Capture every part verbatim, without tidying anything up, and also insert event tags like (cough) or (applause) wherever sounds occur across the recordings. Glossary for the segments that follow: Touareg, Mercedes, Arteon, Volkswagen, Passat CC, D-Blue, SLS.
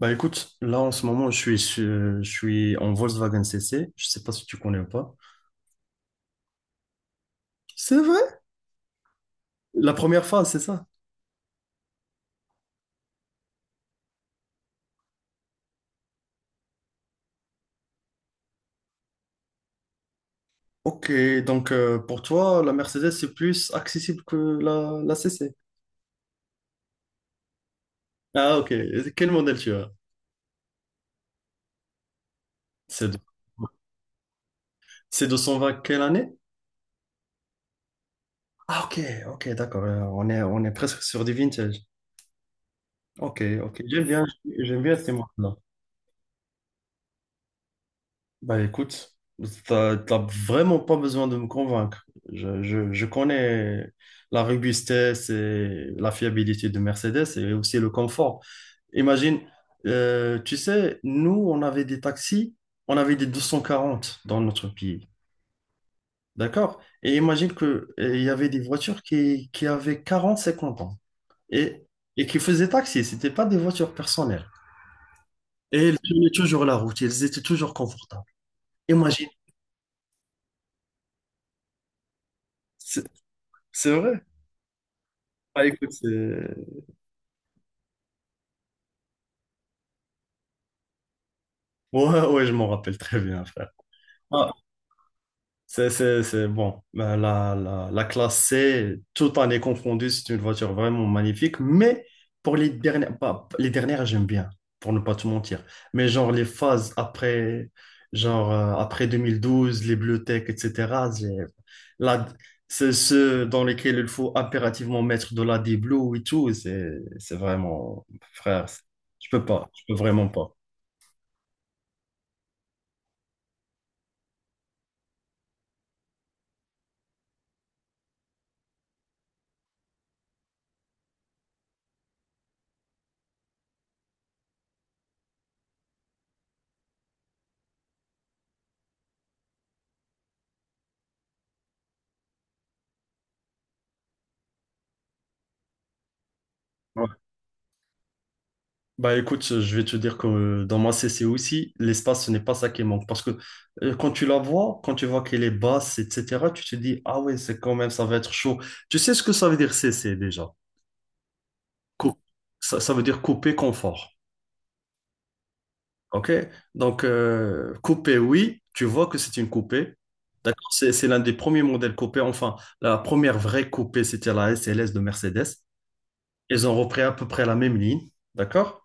Bah écoute, là en ce moment je suis sur- je suis en Volkswagen C C, je sais pas si tu connais ou pas. C'est vrai? La première phase, c'est ça? Ok, donc euh, pour toi la Mercedes c'est plus accessible que la, la C C. Ah ok. Et quel modèle tu as? C'est de... c'est deux cent vingt quelle année? Ah ok, ok d'accord. Euh, on est on est presque sur du vintage. Ok, ok, j'aime bien, j'aime bien ces modèles. Bah écoute, t'as, t'as vraiment pas besoin de me convaincre. Je, je, je connais la robustesse et la fiabilité de Mercedes et aussi le confort. Imagine, euh, tu sais, nous, on avait des taxis, on avait des deux cent quarante dans notre pays. D'accord? Et imagine que euh, il y avait des voitures qui, qui avaient quarante cinquante ans et, et qui faisaient taxi. C'était pas des voitures personnelles. Et elles tenaient toujours la route, elles étaient toujours confortables. Imagine. C'est c'est vrai. Ah, écoute, c'est... Ouais, ouais, je m'en rappelle très bien, frère. Ah, c'est, c'est, c'est bon. Ben, La, la, la classe C, tout en est confondu, c'est une voiture vraiment magnifique. Mais pour les dernières, pas, les dernières, j'aime bien, pour ne pas te mentir. Mais genre les phases après, genre euh, après deux mille douze, les bibliothèques, et cætera j'ai- La, c'est ceux dans lesquels il faut impérativement mettre de la D-Blue et tout. C'est, c'est vraiment, frère, c'est- je peux pas, je peux vraiment pas. Bah écoute, je vais te dire que euh, dans ma C C aussi, l'espace, ce n'est pas ça qui manque. Parce que euh, quand tu la vois, quand tu vois qu'elle est basse, et cætera, tu te dis, ah ouais, c'est quand même, ça va être chaud. Tu sais ce que ça veut dire C C déjà? Cou- ça, ça veut dire couper confort. OK? Donc, euh, coupé, oui, tu vois que c'est une coupée. C'est, c'est l'un des premiers modèles coupés. Enfin, la première vraie coupée, c'était la S L S de Mercedes. Ils ont repris à peu près la même ligne. D'accord?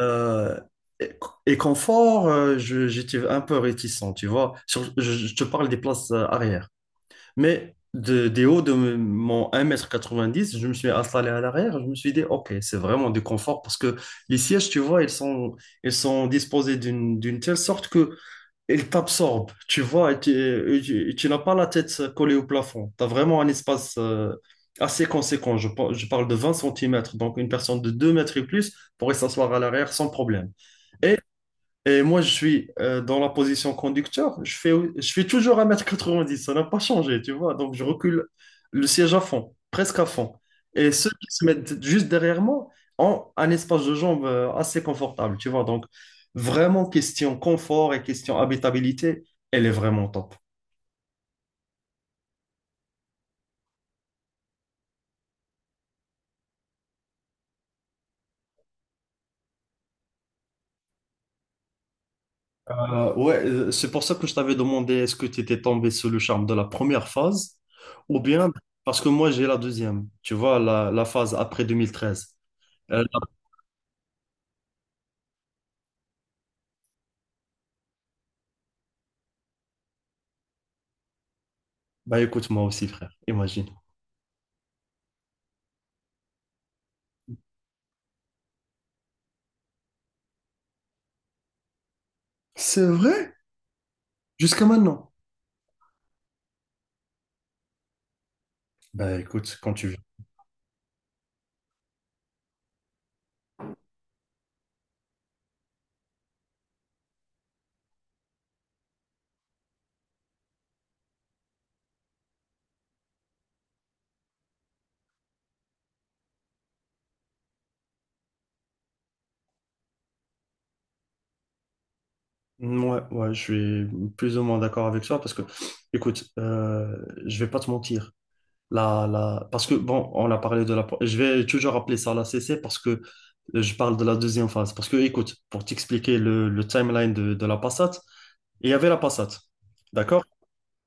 Euh, et, et confort, euh, je- j'étais un peu réticent, tu vois. Sur- je, je te parle des places euh, arrière. Mais de, des hauts de m- mon un mètre quatre-vingt-dix, je me suis installé à l'arrière. Je me suis dit, OK, c'est vraiment du confort parce que les sièges, tu vois, ils sont, ils sont disposés d'une, d'une telle sorte que ils t'absorbent, tu vois. Et tu, et tu- et tu n'as pas la tête collée au plafond. Tu as vraiment un espace euh, assez conséquent. Je, par- je parle de vingt centimètres. Donc, une personne de deux mètres et plus pourrait s'asseoir à l'arrière sans problème. Et, et moi, je suis euh, dans la position conducteur. Je fais, je fais toujours un mètre quatre-vingt-dix. Ça n'a pas changé, tu vois. Donc, je recule le siège à fond, presque à fond. Et ceux qui se mettent juste derrière moi ont un espace de jambes euh, assez confortable, tu vois. Donc, vraiment, question confort et question habitabilité, elle est vraiment top. Euh, ouais, euh, c'est pour ça que je t'avais demandé est-ce que tu étais tombé sous le charme de la première phase ou bien parce que moi, j'ai la deuxième, tu vois, la, la phase après deux mille treize. Bah écoute, moi aussi, frère, imagine. C'est vrai? Jusqu'à maintenant? Bah écoute, quand tu veux. Ouais, ouais, je suis plus ou moins d'accord avec toi parce que, écoute, euh, je vais pas te mentir. La, la... Parce que, bon, on a parlé de la... Je vais toujours appeler ça la C C parce que euh, je parle de la deuxième phase. Parce que, écoute, pour t'expliquer le, le timeline de, de la Passat il y avait la Passat d'accord?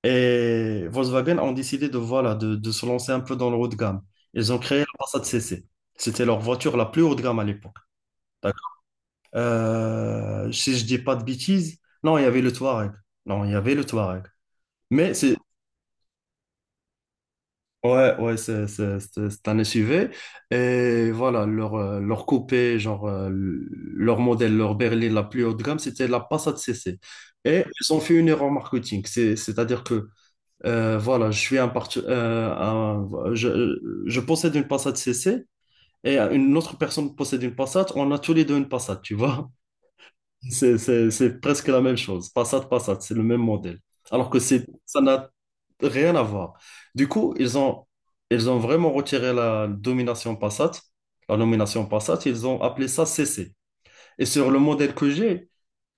Et Volkswagen ont décidé de, voilà, de, de se lancer un peu dans le haut de gamme. Ils ont créé la Passat C C. C'était leur voiture la plus haut de gamme à l'époque. D'accord. Euh, si je dis pas de bêtises, non, il y avait le Touareg. Non, il y avait le Touareg. Mais c'est ouais, ouais, c'est c'est- c'est- c'est un S U V. Et voilà, leur, euh, leur coupé, genre euh, leur modèle, leur berline la plus haut de gamme, c'était la Passat C C. Et ils ont fait une erreur marketing. C'est- C'est-à-dire que Euh, voilà, je suis un parti- euh, un- je, je possède une Passat C C et une autre personne possède une Passat. On a tous les deux une Passat, tu vois. C'est, c'est, c'est presque la même chose. Passat, Passat, c'est le même modèle. Alors que c'est, ça n'a rien à voir. Du coup, ils ont, ils ont vraiment retiré la domination Passat, la nomination Passat. Ils ont appelé ça C C. Et sur le modèle que j'ai,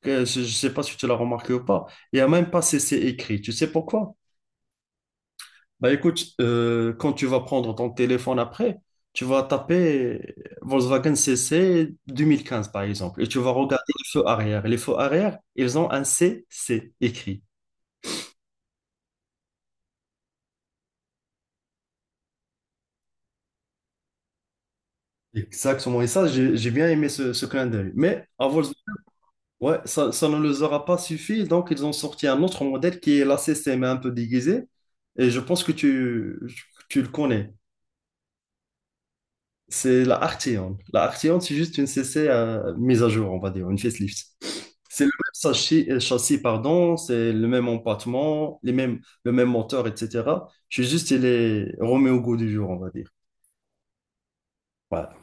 que je ne sais pas si tu l'as remarqué ou pas, il n'y a même pas C C écrit. Tu sais pourquoi? Bah écoute, euh, quand tu vas prendre ton téléphone après, tu vas taper Volkswagen C C deux mille quinze par exemple, et tu vas regarder les feux arrière. Les feux arrière, ils ont un C C écrit. Exactement. Et ça, j'ai j'ai bien aimé ce, ce clin d'œil. Mais à Volkswagen, ouais, ça, ça ne les aura pas suffi, donc ils ont sorti un autre modèle qui est la C C, mais un peu déguisé. Et je pense que tu, tu le connais. C'est la Arteon. La Arteon, c'est juste une C C euh, mise à jour, on va dire, une facelift. C'est le même châssis, euh, châssis, pardon, c'est le même empattement, les mêmes, le même moteur, et cætera. Je suis juste, il est remis au goût du jour, on va dire. Voilà.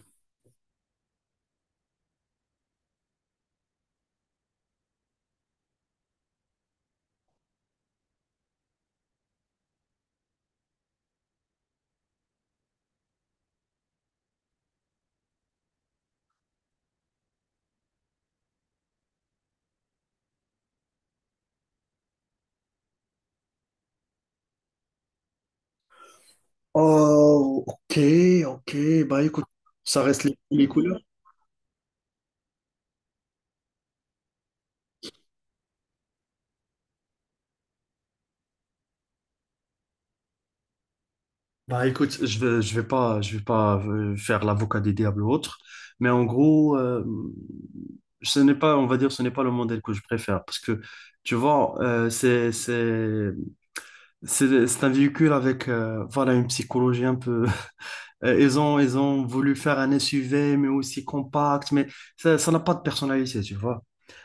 Oh, ok, ok. Bah écoute, ça reste les, les couleurs. Bah écoute, je vais, je vais pas, je vais pas euh, faire l'avocat des diables ou autre, mais en gros, euh, ce n'est pas, on va dire, ce n'est pas le modèle que je préfère parce que tu vois, euh, c'est, c'est, c'est, c'est un véhicule avec, euh, voilà, une psychologie un peu. (laughs) Euh, Ils ont, ils ont voulu faire un S U V mais aussi compact, mais ça, ça n'a pas de personnalité, tu vois.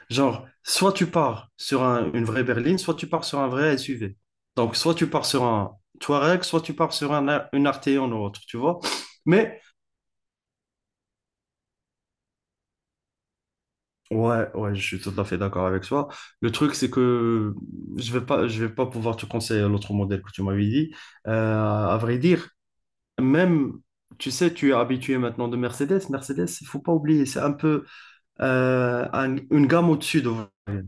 Genre, soit tu pars sur un- une vraie berline, soit tu pars sur un vrai S U V. Donc, soit tu pars sur un Touareg, soit tu pars sur un, A- une Arteon ou autre, tu vois. Mais, ouais, ouais, je suis tout à fait d'accord avec toi. Le truc, c'est que je vais pas, je vais pas pouvoir te conseiller l'autre modèle que tu m'avais dit. Euh, à vrai dire, même, tu sais, tu es habitué maintenant de Mercedes. Mercedes, il faut pas oublier, c'est un peu, euh, un- une gamme au-dessus de vous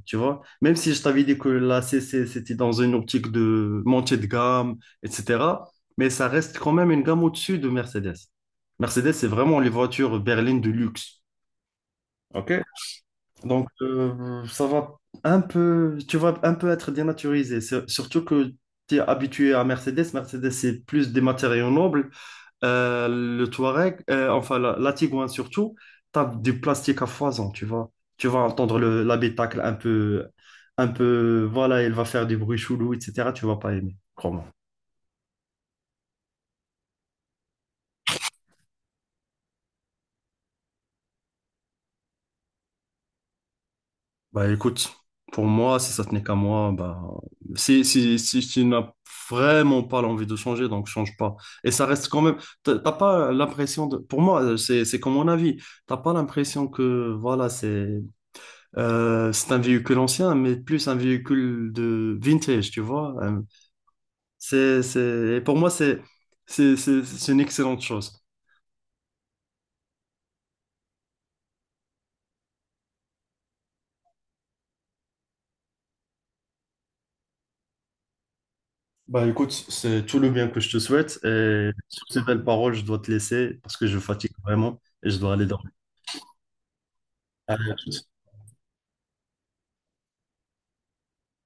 tu vois. Même si je t'avais dit que la C C, c'était dans une optique de montée de gamme, et cætera. Mais ça reste quand même une gamme au-dessus de Mercedes. Mercedes, c'est vraiment les voitures berlines de luxe. OK? Donc, euh, ça va un peu, tu vas un peu être dénaturisé. C'est- Surtout que tu es habitué à Mercedes. Mercedes, c'est plus des matériaux nobles. Euh, le Touareg, euh, enfin la, la Tigouane surtout, tape du plastique à foison, tu vois. Tu vas entendre le, l'habitacle un peu, un peu, voilà, il va faire des bruits chelous, et cætera. Tu vas pas aimer, crois-moi. Bah écoute, pour moi, si ça tenait qu'à moi, bah, si, si, si tu n'as vraiment pas l'envie de changer, donc change pas. Et ça reste quand même, t'as t'as pas l'impression de, pour moi, c'est, c'est comme mon avis, t'as pas l'impression que, voilà, c'est, Euh, c'est un véhicule ancien, mais plus un véhicule de vintage, tu vois. Euh, c'est, c'est, et pour moi, c'est, c'est, c'est, c'est une excellente chose. Bah écoute, c'est tout le bien que je te souhaite et sur ces belles paroles, je dois te laisser parce que je fatigue vraiment et je dois aller dormir. Allez, à toutes.